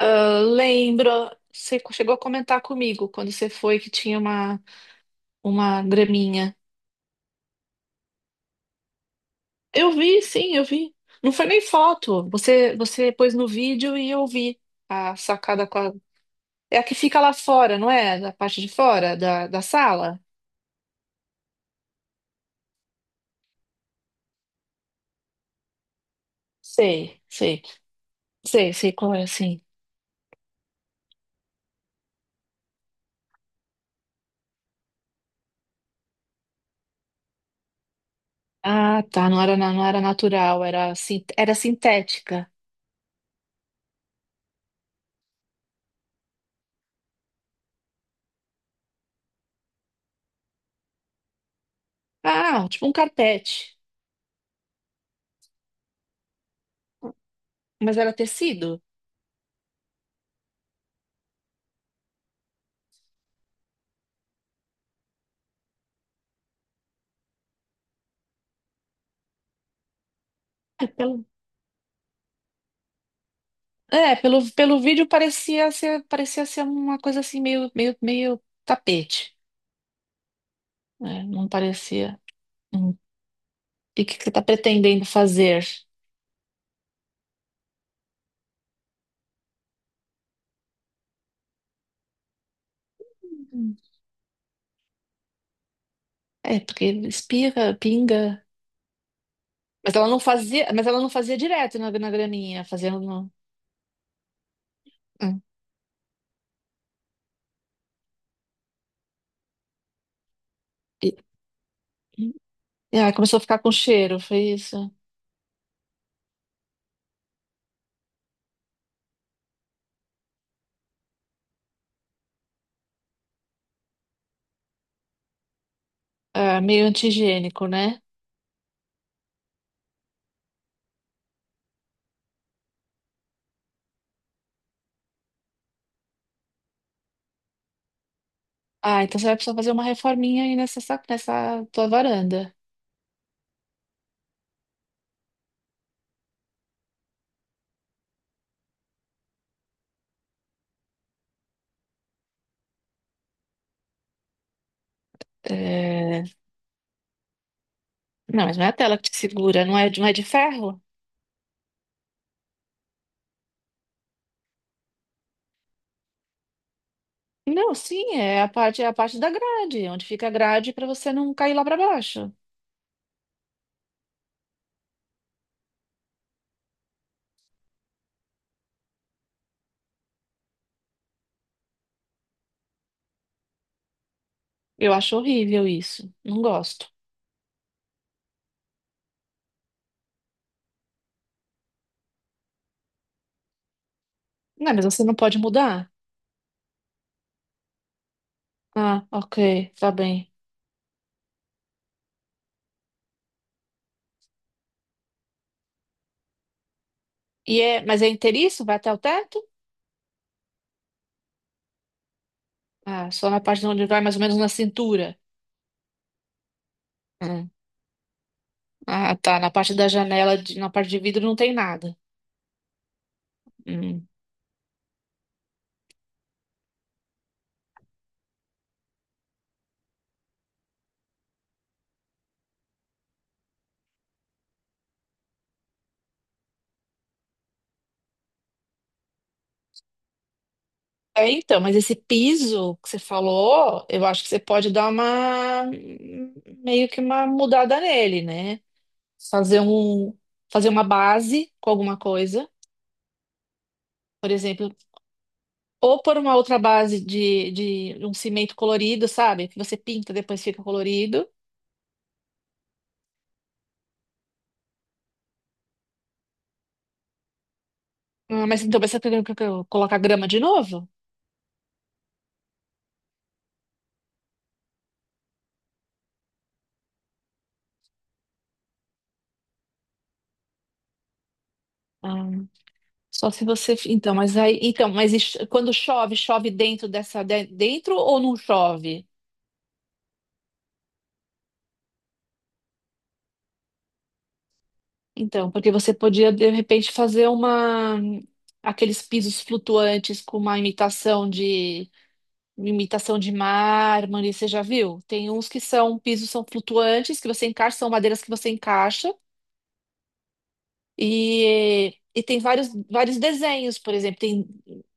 Ah, lembro, você chegou a comentar comigo quando você foi que tinha uma graminha. Eu vi, sim, eu vi. Não foi nem foto. Você pôs no vídeo e eu vi a sacada com a... É a que fica lá fora, não é? Da parte de fora da sala? Sei, sei, sei, sei qual é, sim. Ah, tá. Não era, não era natural, era, era sintética. Ah, tipo um carpete. Mas era tecido? É, pelo vídeo parecia ser uma coisa assim meio, meio, meio tapete, né? Não parecia. Hum. E o que que você está pretendendo fazer? Hum. É, porque espirra, pinga. Mas ela não fazia direto na graninha, fazendo no. Hum. E, e aí começou a ficar com cheiro, foi isso? Ah, meio antigênico, né? Ah, então você vai precisar fazer uma reforminha aí nessa, nessa tua varanda. É, não, mas não é a tela que te segura, não é, não é de ferro? Não, sim, é a parte da grade, onde fica a grade para você não cair lá para baixo. Eu acho horrível isso. Não gosto. Não, mas você não pode mudar? Ah, ok, tá bem. E é, mas é inteiriço? Vai até o teto? Ah, só na parte onde vai mais ou menos na cintura. Hum. Ah, tá. Na parte da janela, na parte de vidro não tem nada. Hum. É, então, mas esse piso que você falou, eu acho que você pode dar uma meio que uma mudada nele, né? Fazer um, fazer uma base com alguma coisa, por exemplo, ou por uma outra base de um cimento colorido, sabe? Que você pinta, depois fica colorido. Ah, mas então mas você tem que colocar grama de novo? Ah, só se você, então, mas aí, então, mas e quando chove, chove dentro dessa, dentro ou não chove? Então, porque você podia de repente fazer uma, aqueles pisos flutuantes com uma imitação, imitação de mármore, você já viu? Tem uns que são pisos são flutuantes, que você encaixa, são madeiras que você encaixa, e tem vários, vários desenhos, por exemplo, tem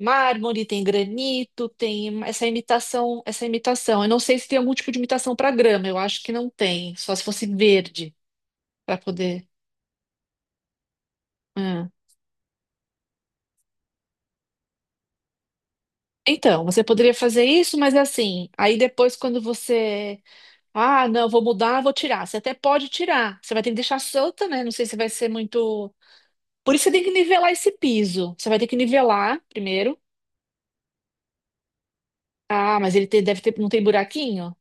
mármore, tem granito, tem essa imitação, essa imitação. Eu não sei se tem algum tipo de imitação para grama, eu acho que não tem, só se fosse verde para poder. Ah. Então, você poderia fazer isso, mas assim, aí depois quando você... Ah, não, vou mudar, vou tirar. Você até pode tirar. Você vai ter que deixar solta, né? Não sei se vai ser muito. Por isso você tem que nivelar esse piso. Você vai ter que nivelar primeiro. Ah, mas ele deve ter, não tem buraquinho?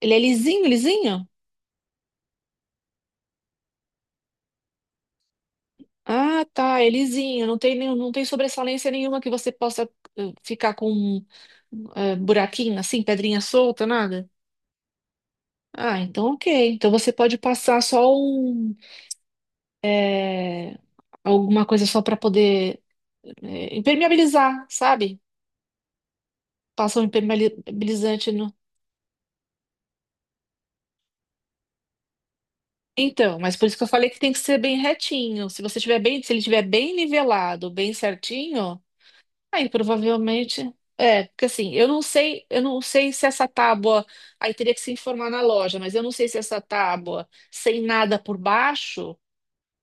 Ele é lisinho, lisinho? Ah, tá, é lisinho. Não tem nenhum, não tem sobressalência nenhuma que você possa ficar com buraquinho assim, pedrinha solta, nada. Ah, então ok. Então você pode passar só um, eh, alguma coisa só para poder impermeabilizar, sabe? Passa um impermeabilizante no. Então, mas por isso que eu falei que tem que ser bem retinho. Se você tiver bem, se ele tiver bem nivelado, bem certinho, aí provavelmente é, porque assim, eu não sei se essa tábua, aí teria que se informar na loja, mas eu não sei se essa tábua sem nada por baixo,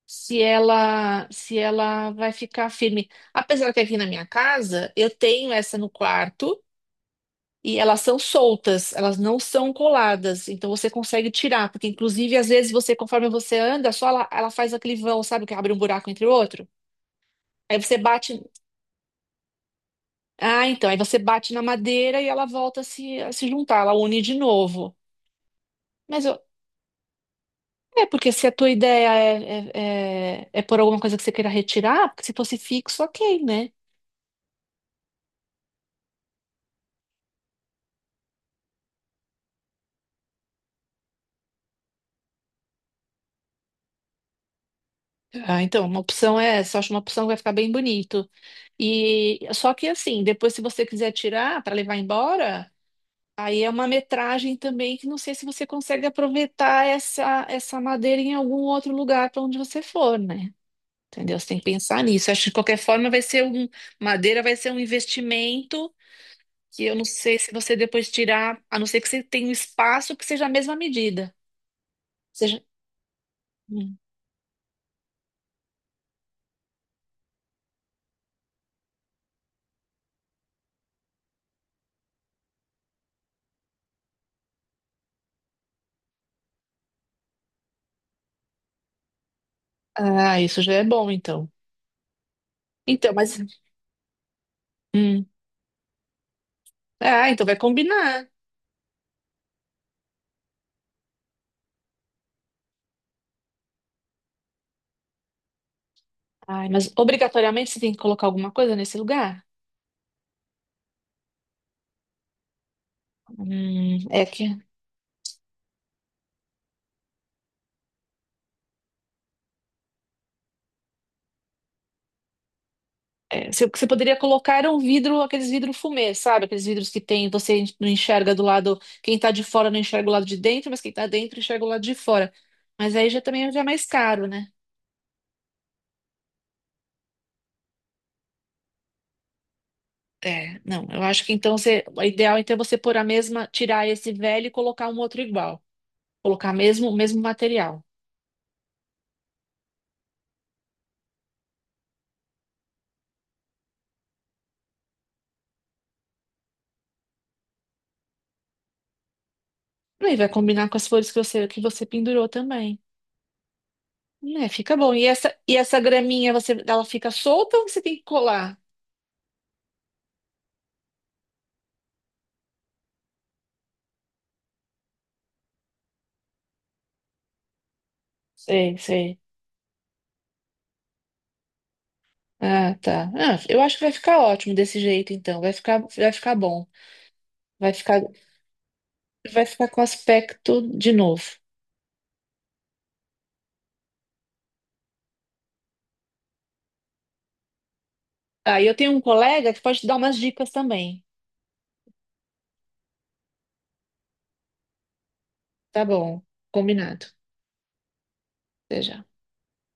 se ela vai ficar firme. Apesar que aqui na minha casa, eu tenho essa no quarto. E elas são soltas, elas não são coladas, então você consegue tirar, porque inclusive às vezes você, conforme você anda, só ela, ela faz aquele vão, sabe, que abre um buraco entre o outro. Aí você bate, ah, então, aí você bate na madeira e ela volta a se juntar, ela une de novo. Mas eu- é porque se a tua ideia é, é, é, é por alguma coisa que você queira retirar, porque se fosse fixo, ok, né? Ah, então, uma opção é essa, eu acho uma opção que vai ficar bem bonito. E só que assim, depois se você quiser tirar para levar embora. Aí é uma metragem também que não sei se você consegue aproveitar essa madeira em algum outro lugar para onde você for, né? Entendeu? Você tem que pensar nisso. Acho que de qualquer forma vai ser um, madeira vai ser um investimento que eu não sei se você depois tirar, a não ser que você tenha um espaço que seja a mesma medida. Seja... Hum. Ah, isso já é bom, então. Então, mas. Hum. Ah, então vai combinar. Ai, mas obrigatoriamente você tem que colocar alguma coisa nesse lugar? É que... É, você poderia colocar era um vidro, aqueles vidros fumê, sabe? Aqueles vidros que tem, você não enxerga do lado, quem tá de fora não enxerga o lado de dentro, mas quem tá dentro enxerga o lado de fora. Mas aí já também já é mais caro, né? É, não, eu acho que então você, o ideal então é você pôr a mesma, tirar esse velho e colocar um outro igual. Colocar mesmo o mesmo material. Aí vai combinar com as flores que você pendurou também. É, fica bom. E essa graminha você ela fica solta ou você tem que colar? Sei, sei. Ah, tá. Ah, eu acho que vai ficar ótimo desse jeito, então. Vai ficar bom. Vai ficar, vai ficar com aspecto de novo. Ah, e eu tenho um colega que pode te dar umas dicas também. Tá bom, combinado. Até já.